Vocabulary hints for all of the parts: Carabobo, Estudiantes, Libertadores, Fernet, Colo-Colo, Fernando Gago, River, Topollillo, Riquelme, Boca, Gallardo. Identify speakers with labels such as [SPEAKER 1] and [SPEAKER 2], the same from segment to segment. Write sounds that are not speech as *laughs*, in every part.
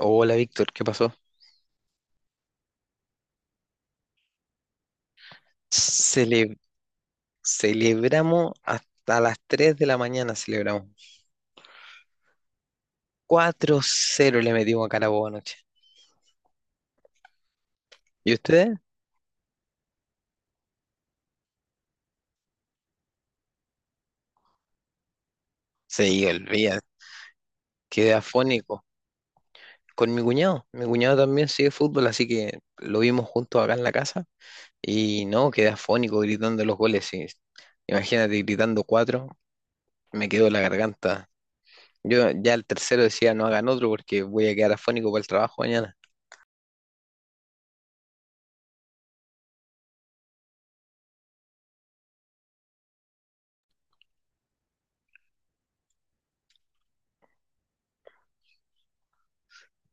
[SPEAKER 1] Hola Víctor, ¿qué pasó? Cele- Celebramos hasta las 3 de la mañana, celebramos. 4-0 le metimos a Carabobo anoche. ¿Y ustedes? Sí, olvida, quedé afónico. Con mi cuñado también sigue fútbol, así que lo vimos juntos acá en la casa. Y no, quedé afónico gritando los goles. Y imagínate gritando cuatro, me quedó la garganta. Yo ya el tercero decía no hagan otro porque voy a quedar afónico para el trabajo mañana.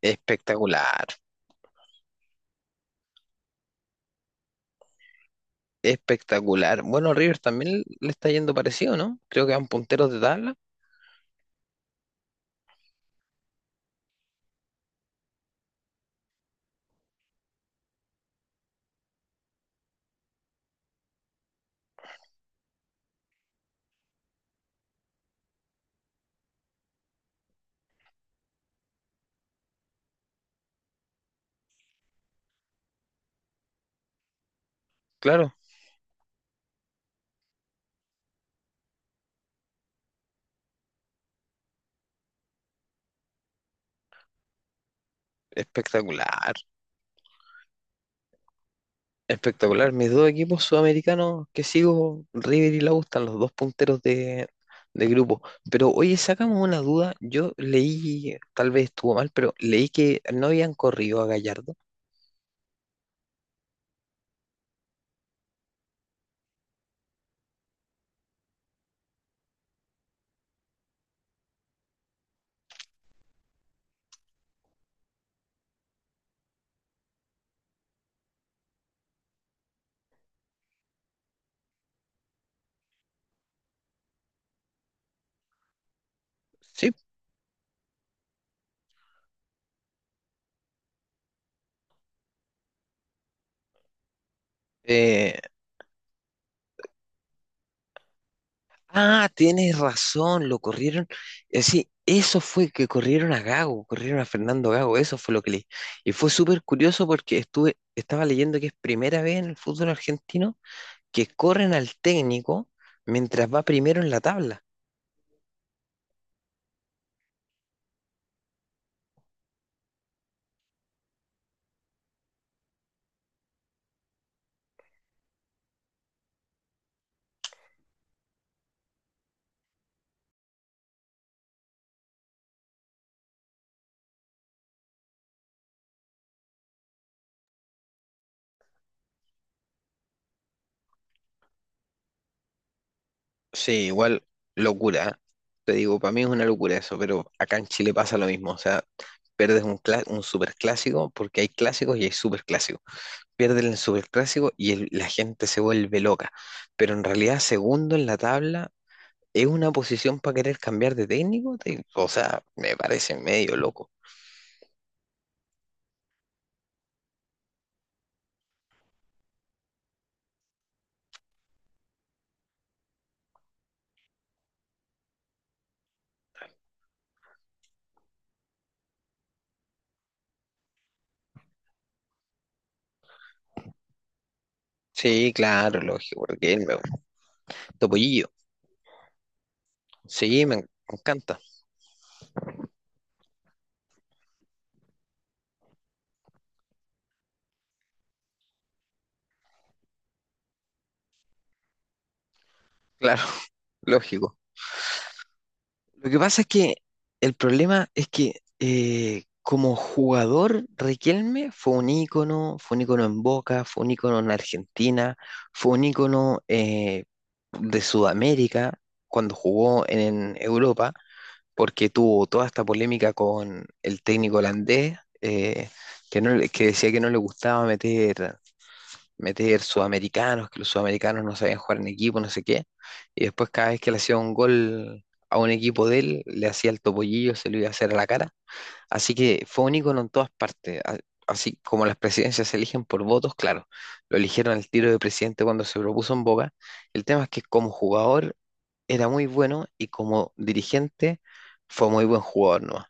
[SPEAKER 1] Espectacular. Espectacular. Bueno, River también le está yendo parecido, ¿no? Creo que van punteros de tabla. Claro, espectacular. Espectacular. Mis dos equipos sudamericanos que sigo, River y la U, están los dos punteros de grupo. Pero oye, sacamos una duda. Yo leí, tal vez estuvo mal, pero leí que no habían corrido a Gallardo. Sí. Eh, Ah, tienes razón, lo corrieron. Sí, eso fue que corrieron a Gago, corrieron a Fernando Gago, eso fue lo que leí. Y fue súper curioso porque estuve, estaba leyendo que es primera vez en el fútbol argentino que corren al técnico mientras va primero en la tabla. Sí, igual locura. ¿Eh? Te digo, para mí es una locura eso, pero acá en Chile pasa lo mismo. O sea, perdes un, un superclásico porque hay clásicos y hay superclásicos. Pierden el Superclásico y la gente se vuelve loca. Pero en realidad, segundo en la tabla es una posición para querer cambiar de técnico. O sea, me parece medio loco. Sí, claro, lógico, porque él me Topollillo. Sí, me encanta. Claro, *laughs* lógico. Lo que pasa es que el problema es que como jugador, Riquelme fue un ícono en Boca, fue un ícono en Argentina, fue un ícono de Sudamérica cuando jugó en Europa, porque tuvo toda esta polémica con el técnico holandés, que, no, que decía que no le gustaba meter sudamericanos, que los sudamericanos no sabían jugar en equipo, no sé qué. Y después cada vez que le hacía un gol a un equipo de él, le hacía el topollillo, se lo iba a hacer a la cara. Así que fue un ícono en todas partes. Así como las presidencias se eligen por votos, claro, lo eligieron al tiro de presidente cuando se propuso en Boca. El tema es que como jugador era muy bueno y como dirigente fue muy buen jugador, ¿no?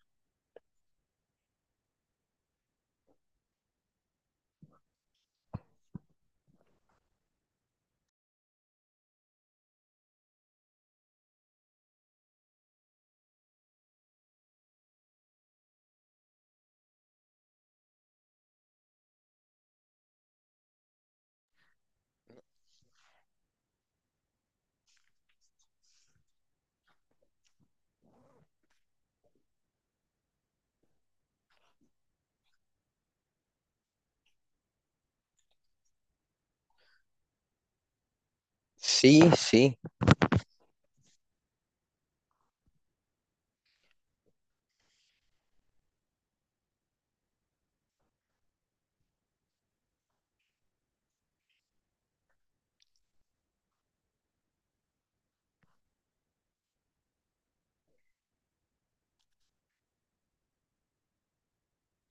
[SPEAKER 1] Sí, sí,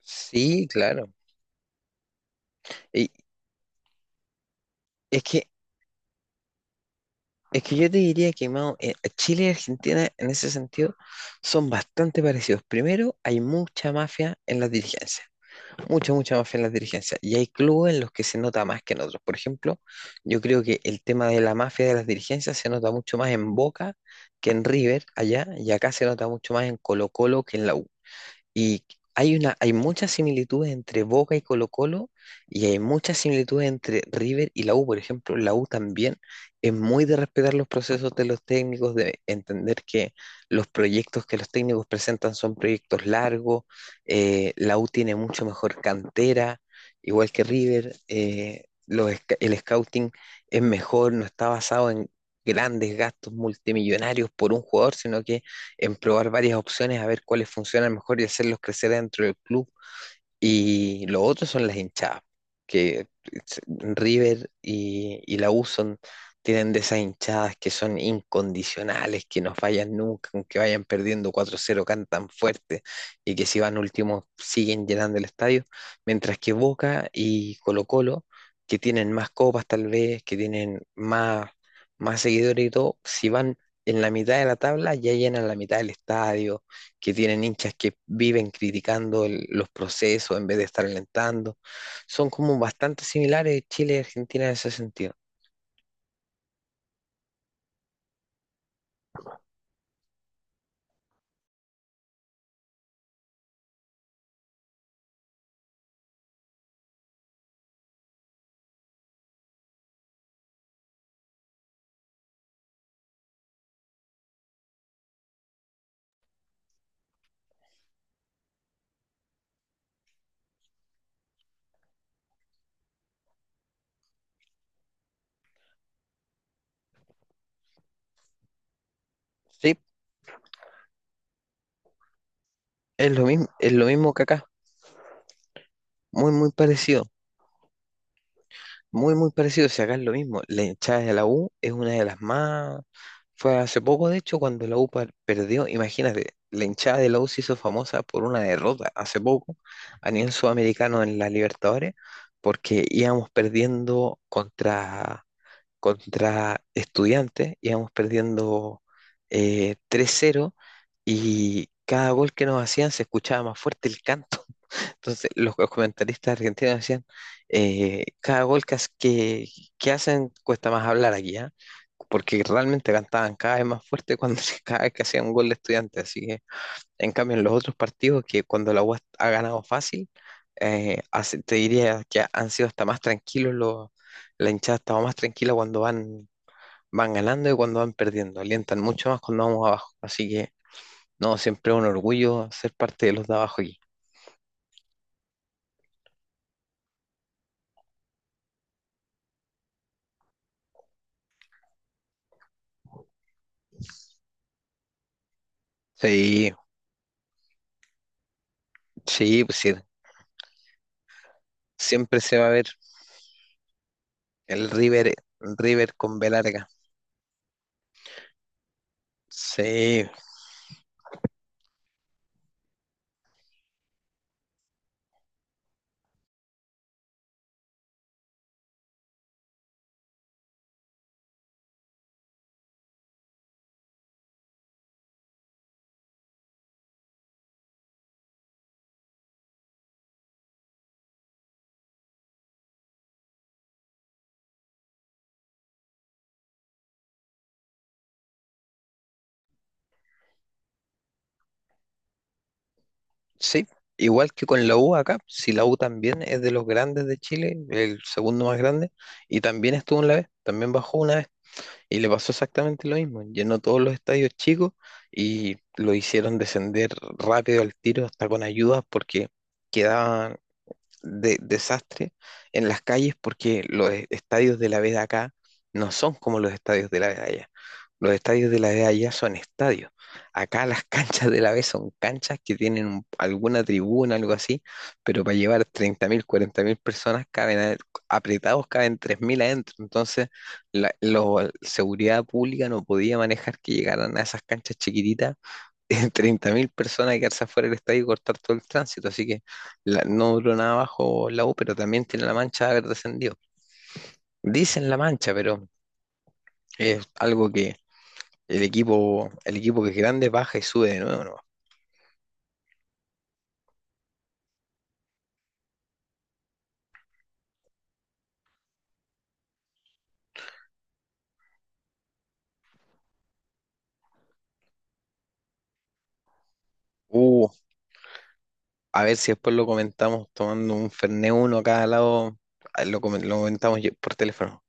[SPEAKER 1] sí, claro. Y es que Es que yo te diría que Mao, Chile y Argentina en ese sentido son bastante parecidos. Primero, hay mucha mafia en las dirigencias, mucha, mucha mafia en las dirigencias. Y hay clubes en los que se nota más que en otros. Por ejemplo, yo creo que el tema de la mafia de las dirigencias se nota mucho más en Boca que en River allá, y acá se nota mucho más en Colo-Colo que en la U. Y hay una, hay muchas similitudes entre Boca y Colo-Colo y hay muchas similitudes entre River y la U. Por ejemplo, la U también es muy de respetar los procesos de los técnicos, de entender que los proyectos que los técnicos presentan son proyectos largos. La U tiene mucho mejor cantera, igual que River. Los sc- el scouting es mejor, no está basado en grandes gastos multimillonarios por un jugador, sino que en probar varias opciones, a ver cuáles funcionan mejor y hacerlos crecer dentro del club y lo otro son las hinchadas, que River y la U son, tienen de esas hinchadas que son incondicionales, que no fallan nunca, aunque vayan perdiendo 4-0, cantan fuerte y que si van últimos siguen llenando el estadio, mientras que Boca y Colo-Colo, que tienen más copas tal vez, que tienen más, más seguidores y todo, si van en la mitad de la tabla ya llenan la mitad del estadio que tienen hinchas que viven criticando los procesos en vez de estar alentando. Son como bastante similares Chile y Argentina en ese sentido. Sí, es lo mismo que acá, muy, muy parecido, muy, muy parecido. Si acá es lo mismo, la hinchada de la U es una de las más... Fue hace poco, de hecho, cuando la U perdió, imagínate, la hinchada de la U se hizo famosa por una derrota hace poco a nivel sudamericano en la Libertadores, porque íbamos perdiendo contra Estudiantes, íbamos perdiendo 3-0 y cada gol que nos hacían se escuchaba más fuerte el canto. *laughs* Entonces los comentaristas argentinos decían, cada gol que hacen cuesta más hablar aquí, ¿ah? Porque realmente cantaban cada vez más fuerte cuando *laughs* cada vez que hacían un gol de estudiantes. Así que, en cambio, en los otros partidos que cuando la UAS ha ganado fácil, te diría que han sido hasta más tranquilos, la hinchada estaba más tranquila cuando van ganando y cuando van perdiendo. Alientan mucho más cuando vamos abajo. Así que, no, siempre es un orgullo ser parte de los de abajo aquí. Sí, sí, pues sí. Siempre se va a ver el River, River con B larga. Sí, sí. Igual que con la U acá, si la U también es de los grandes de Chile, el segundo más grande, y también estuvo en la B, también bajó una vez. Y le pasó exactamente lo mismo. Llenó todos los estadios chicos y lo hicieron descender rápido al tiro hasta con ayudas porque quedaban de desastre en las calles porque los estadios de la B de acá no son como los estadios de la B de allá. Los estadios de la B de allá son estadios. Acá las *laughs* canchas de la B son canchas que tienen alguna tribuna, algo así, pero para llevar 30.000, mil personas caben apretados, caben 3.000 adentro. Entonces, seguridad pública no podía manejar que llegaran a esas canchas chiquititas. *laughs* 30.000 personas y quedarse afuera del estadio y cortar todo el tránsito. Así que no duró nada abajo la U, pero también tiene la mancha de haber descendido. Dicen la mancha, pero es algo que el equipo que es grande baja y sube de nuevo, ¿no? Uh, a ver si después lo comentamos tomando un Fernet uno a cada lado. Ah, lo comentamos por teléfono.